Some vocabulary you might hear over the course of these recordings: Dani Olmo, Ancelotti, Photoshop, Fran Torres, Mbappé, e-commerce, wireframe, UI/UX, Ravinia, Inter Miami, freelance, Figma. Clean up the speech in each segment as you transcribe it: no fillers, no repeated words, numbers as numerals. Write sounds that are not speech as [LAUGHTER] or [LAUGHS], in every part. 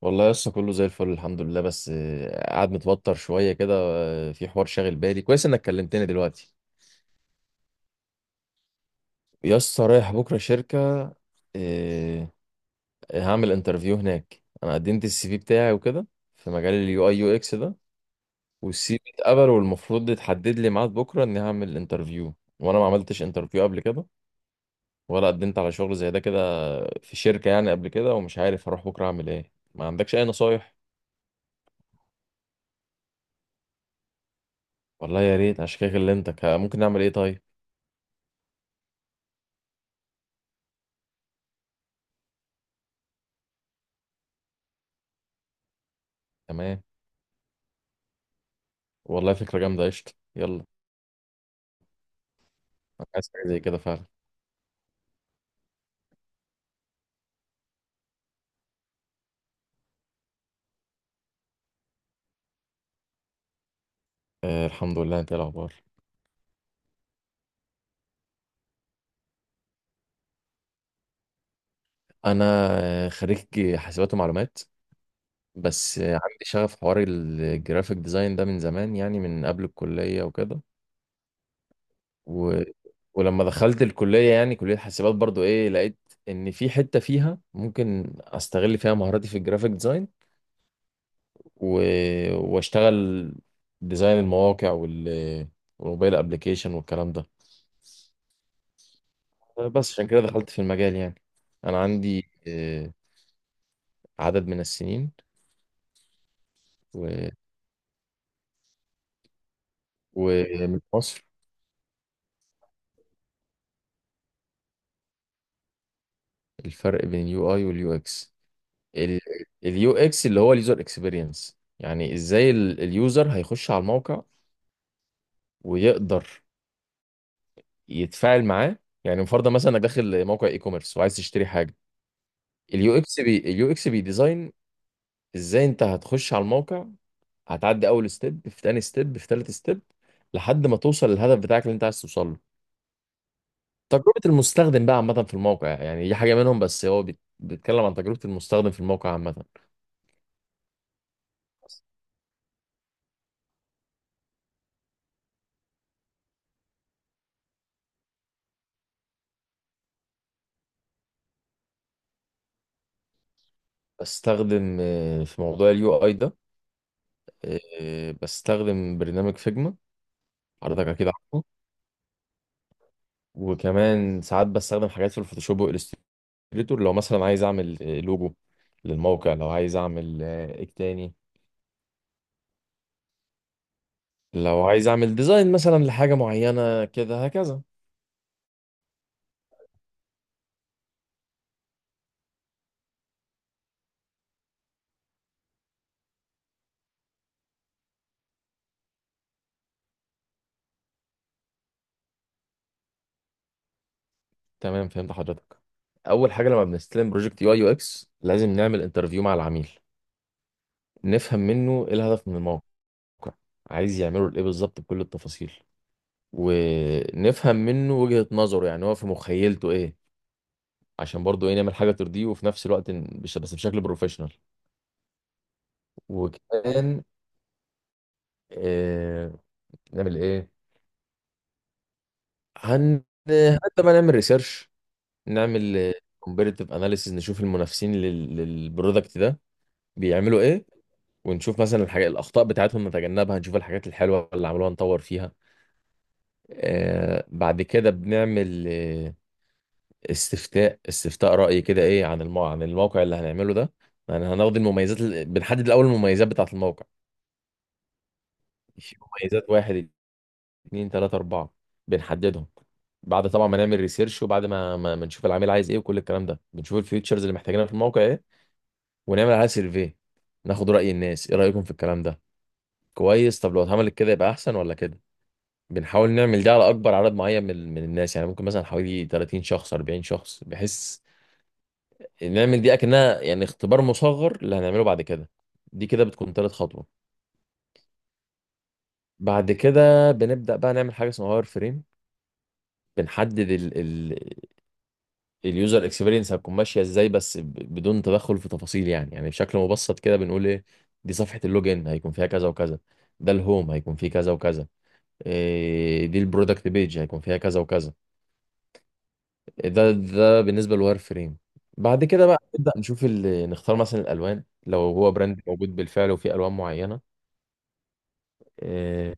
والله لسه كله زي الفل، الحمد لله. بس قاعد متوتر شويه كده، في حوار شاغل بالي. كويس انك كلمتني دلوقتي. يسطا، رايح بكره شركه. آه، هعمل انترفيو هناك. انا قدمت السي في بتاعي وكده، في مجال اليو اي يو اكس ده. والسي في اتقبل، والمفروض يتحدد لي ميعاد بكره اني هعمل انترفيو. وانا ما عملتش انترفيو قبل كده، ولا قدمت على شغل زي ده كده في شركه يعني قبل كده. ومش عارف هروح بكره اعمل ايه. ما عندكش اي نصايح؟ والله يا ريت. عشان كده كلمتك. ها، ممكن نعمل ايه طيب؟ تمام، والله فكرة جامدة. قشطة، يلا. أنا عايز حاجة زي كده فعلا. آه، الحمد لله. أنت إيه الأخبار؟ أنا خريج حاسبات ومعلومات. بس عندي شغف حوار الجرافيك ديزاين ده من زمان، يعني من قبل الكلية وكده. و... ولما دخلت الكلية، يعني كلية حاسبات برضو، لقيت إن في حتة فيها ممكن أستغل فيها مهاراتي في الجرافيك ديزاين، و... وأشتغل ديزاين المواقع وال... والموبايل أبليكيشن والكلام ده. بس عشان كده دخلت في المجال يعني. انا عندي عدد من السنين و... ومن مصر. الفرق بين اليو اي واليو اكس. اليو اكس اللي هو اليوزر اكسبيرينس، يعني ازاي اليوزر هيخش على الموقع ويقدر يتفاعل معاه. يعني مفروض مثلا انك داخل موقع اي كوميرس وعايز تشتري حاجه. اليو اكس بي ديزاين، ازاي انت هتخش على الموقع. هتعدي اول ستيب، في تاني ستيب، في تالت ستيب، لحد ما توصل للهدف بتاعك اللي انت عايز توصله. تجربة المستخدم بقى عامة في الموقع، يعني دي حاجة منهم. بس هو بيتكلم عن تجربة المستخدم في الموقع عامة. بستخدم في موضوع اليو اي ده، بستخدم برنامج فيجما. حضرتك اكيد عارفه. وكمان ساعات بستخدم حاجات في الفوتوشوب والإليستريتور، لو مثلا عايز اعمل لوجو للموقع، لو عايز اعمل ايه تاني، لو عايز اعمل ديزاين مثلا لحاجة معينة كده هكذا. تمام، فهمت حضرتك. اول حاجة لما بنستلم بروجكت يو اي يو اكس، لازم نعمل انترفيو مع العميل. نفهم منه ايه الهدف من الموقع، عايز يعمله لايه بالظبط، بكل التفاصيل. ونفهم منه وجهة نظره، يعني هو في مخيلته ايه، عشان برضه ايه نعمل حاجة ترضيه وفي نفس الوقت بس بشكل بروفيشنال. وكمان آه نعمل ايه، هن حتى ما نعمل ريسيرش. نعمل كومبيريتيف اناليسيز، نشوف المنافسين لل... للبرودكت ده بيعملوا ايه. ونشوف مثلا الحاجات، الاخطاء بتاعتهم نتجنبها، نشوف الحاجات الحلوه اللي عملوها نطور فيها. بعد كده بنعمل استفتاء رأي كده ايه عن عن الموقع اللي هنعمله ده. يعني هناخد بنحدد الأول المميزات بتاعة الموقع. في مميزات: واحد، اتنين، تلاتة، أربعة، بنحددهم. بعد طبعا ما نعمل ريسيرش، وبعد ما نشوف العميل عايز ايه وكل الكلام ده، بنشوف الفيوتشرز اللي محتاجينها في الموقع ايه. ونعمل عليها سيرفي، ناخد رأي الناس، ايه رأيكم في الكلام ده، كويس؟ طب لو اتعملت كده يبقى احسن ولا كده. بنحاول نعمل ده على اكبر عدد معين من الناس. يعني ممكن مثلا حوالي 30 شخص، 40 شخص، بحيث نعمل دي اكنها يعني اختبار مصغر اللي هنعمله بعد كده. دي كده بتكون تالت خطوه. بعد كده بنبدا بقى نعمل حاجه اسمها واير فريم. بنحدد ال اليوزر اكسبيرينس هتكون ماشيه ازاي، بس بدون تدخل في تفاصيل. يعني بشكل مبسط كده بنقول ايه. دي صفحه اللوجن هيكون فيها كذا وكذا. ده الهوم هيكون فيه كذا وكذا. دي البرودكت بيج هيكون فيها كذا وكذا. ده بالنسبه للواير فريم. بعد كده بقى نبدا نشوف نختار مثلا الالوان لو هو براند موجود بالفعل وفيه الوان معينه. إيه،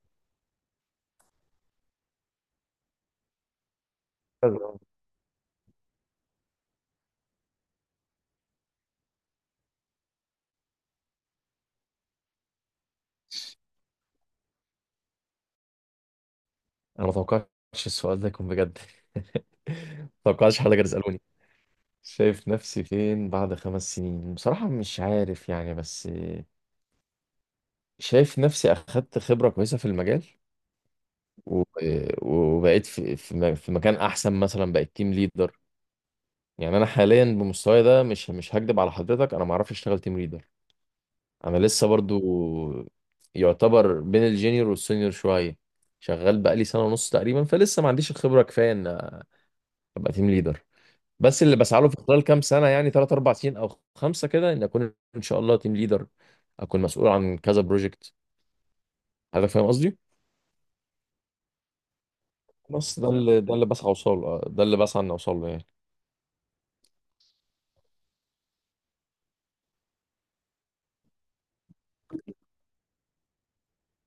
انا ما توقعتش السؤال ده يكون بجد. [LAUGHS] ما توقعتش حد كان يسالوني شايف نفسي فين بعد 5 سنين. بصراحة مش عارف يعني. بس شايف نفسي أخدت خبرة كويسة في المجال. و- وبقيت في مكان أحسن، مثلا بقيت تيم ليدر. يعني أنا حاليا بمستواي ده مش هكدب على حضرتك، أنا ما أعرفش أشتغل تيم ليدر. أنا لسه برضو يعتبر بين الجينيور والسينيور شوية. شغال بقالي سنة ونص تقريبا، فلسه ما عنديش الخبرة كفاية إن ابقى تيم ليدر. بس اللي بسعى له في خلال كام سنه، يعني ثلاث اربع سنين او خمسه كده، ان اكون ان شاء الله تيم ليدر. اكون مسؤول عن كذا بروجكت. هذا فاهم قصدي. بس ده اللي بسعى اوصل له، ده اللي بسعى ان اوصل له يعني.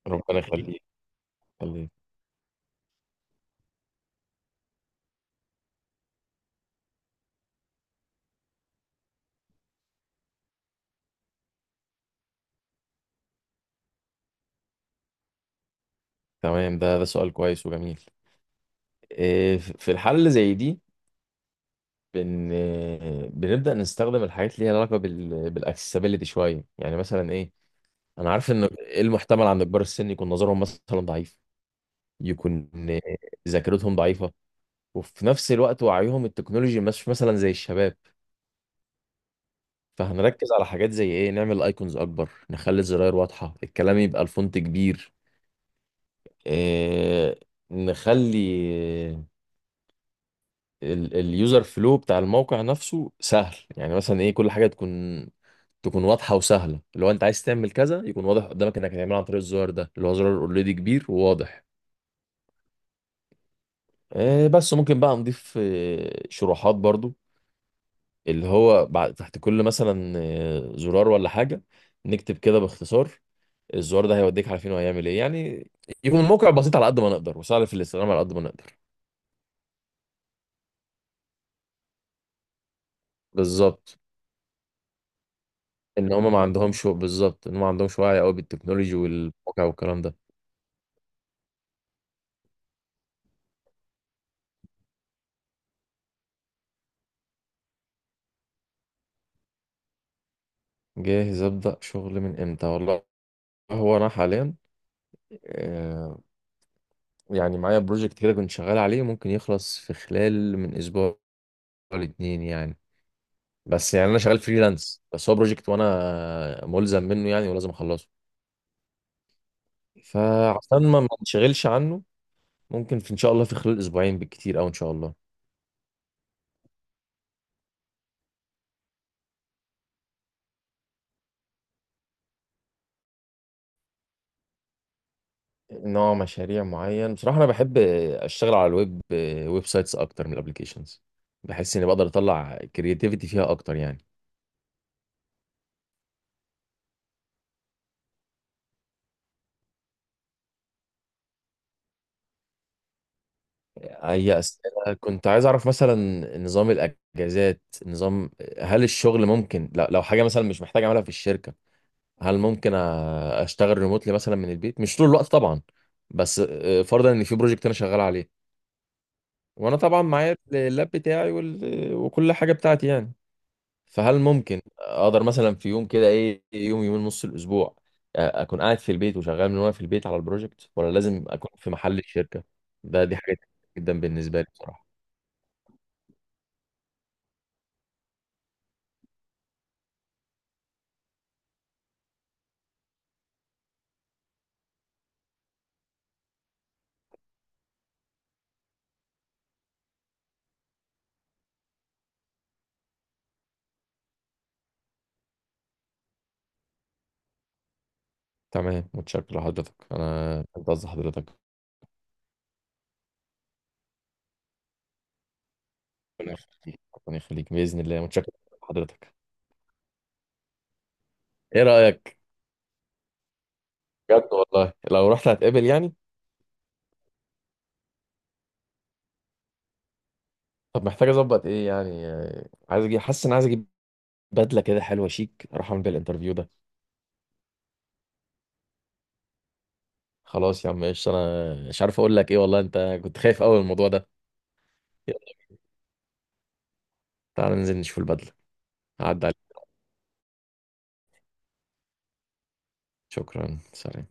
ربنا يخليك، يخليك. تمام، ده سؤال كويس وجميل. في الحالة اللي زي دي، بن بنبدأ نستخدم الحاجات اللي ليها علاقة بالاكسسبيلتي شوية، يعني مثلا ايه. انا عارف ان المحتمل عند كبار السن يكون نظرهم مثلا ضعيف، يكون ذاكرتهم ضعيفة، وفي نفس الوقت وعيهم التكنولوجي مش مثلا زي الشباب. فهنركز على حاجات زي ايه. نعمل ايكونز اكبر، نخلي الزراير واضحة، الكلام يبقى الفونت كبير. إيه نخلي اليوزر فلو بتاع الموقع نفسه سهل، يعني مثلا ايه، كل حاجة تكون واضحة وسهلة. لو انت عايز تعمل كذا يكون واضح قدامك انك هتعمله عن طريق الزرار ده، اللي هو زرار اوريدي كبير وواضح. بس ممكن بقى نضيف شروحات برضو، اللي هو بعد تحت كل مثلا زرار ولا حاجة، نكتب كده باختصار الزرار ده هيوديك على فين وهيعمل ايه يعني. يكون الموقع بسيط على قد ما نقدر وسهل في الاستخدام على قد ما نقدر. بالظبط. ان هم ما عندهمش وعي قوي بالتكنولوجي والموقع والكلام ده. جاهز ابدا شغل من امتى، والله هو انا حاليا آه، يعني معايا بروجكت كده كنت شغال عليه، ممكن يخلص في خلال من اسبوع لاتنين يعني. بس يعني انا شغال فريلانس، بس هو بروجكت وانا ملزم منه يعني ولازم اخلصه. فعشان ما نشغلش عنه، ممكن في ان شاء الله في خلال اسبوعين بالكتير، او ان شاء الله. نوع مشاريع معين، بصراحة انا بحب اشتغل على الويب، ويب سايتس اكتر من الابليكيشنز. بحس اني بقدر اطلع كرياتيفيتي فيها اكتر يعني. اي اسئله، كنت عايز اعرف مثلا نظام الاجازات، هل الشغل ممكن، لا لو حاجه مثلا مش محتاج اعملها في الشركه، هل ممكن اشتغل ريموتلي مثلا من البيت، مش طول الوقت طبعا. بس فرضا ان في بروجكت انا شغال عليه، وانا طبعا معايا اللاب بتاعي وال... وكل حاجه بتاعتي يعني. فهل ممكن اقدر مثلا في يوم كده ايه، يوم يومين نص الاسبوع، اكون قاعد في البيت وشغال وانا في البيت على البروجكت، ولا لازم اكون في محل الشركه. دي حاجه جدا بالنسبه لي بصراحه. تمام، متشكر لحضرتك، انا فهمت قصد حضرتك. ربنا يخليك، ربنا يخليك، باذن الله، متشكر لحضرتك. ايه رايك؟ بجد والله لو رحت هتقابل يعني. طب محتاج اظبط ايه يعني، عايز اجيب، حاسس ان عايز اجيب بدله كده حلوه شيك اروح اعمل بيها الانترفيو ده. خلاص يا عم، ايش انا مش عارف اقول لك ايه والله، انت كنت خايف قوي من الموضوع ده. يلا، تعال ننزل نشوف البدله. هعدي عليك. شكرا، سلام.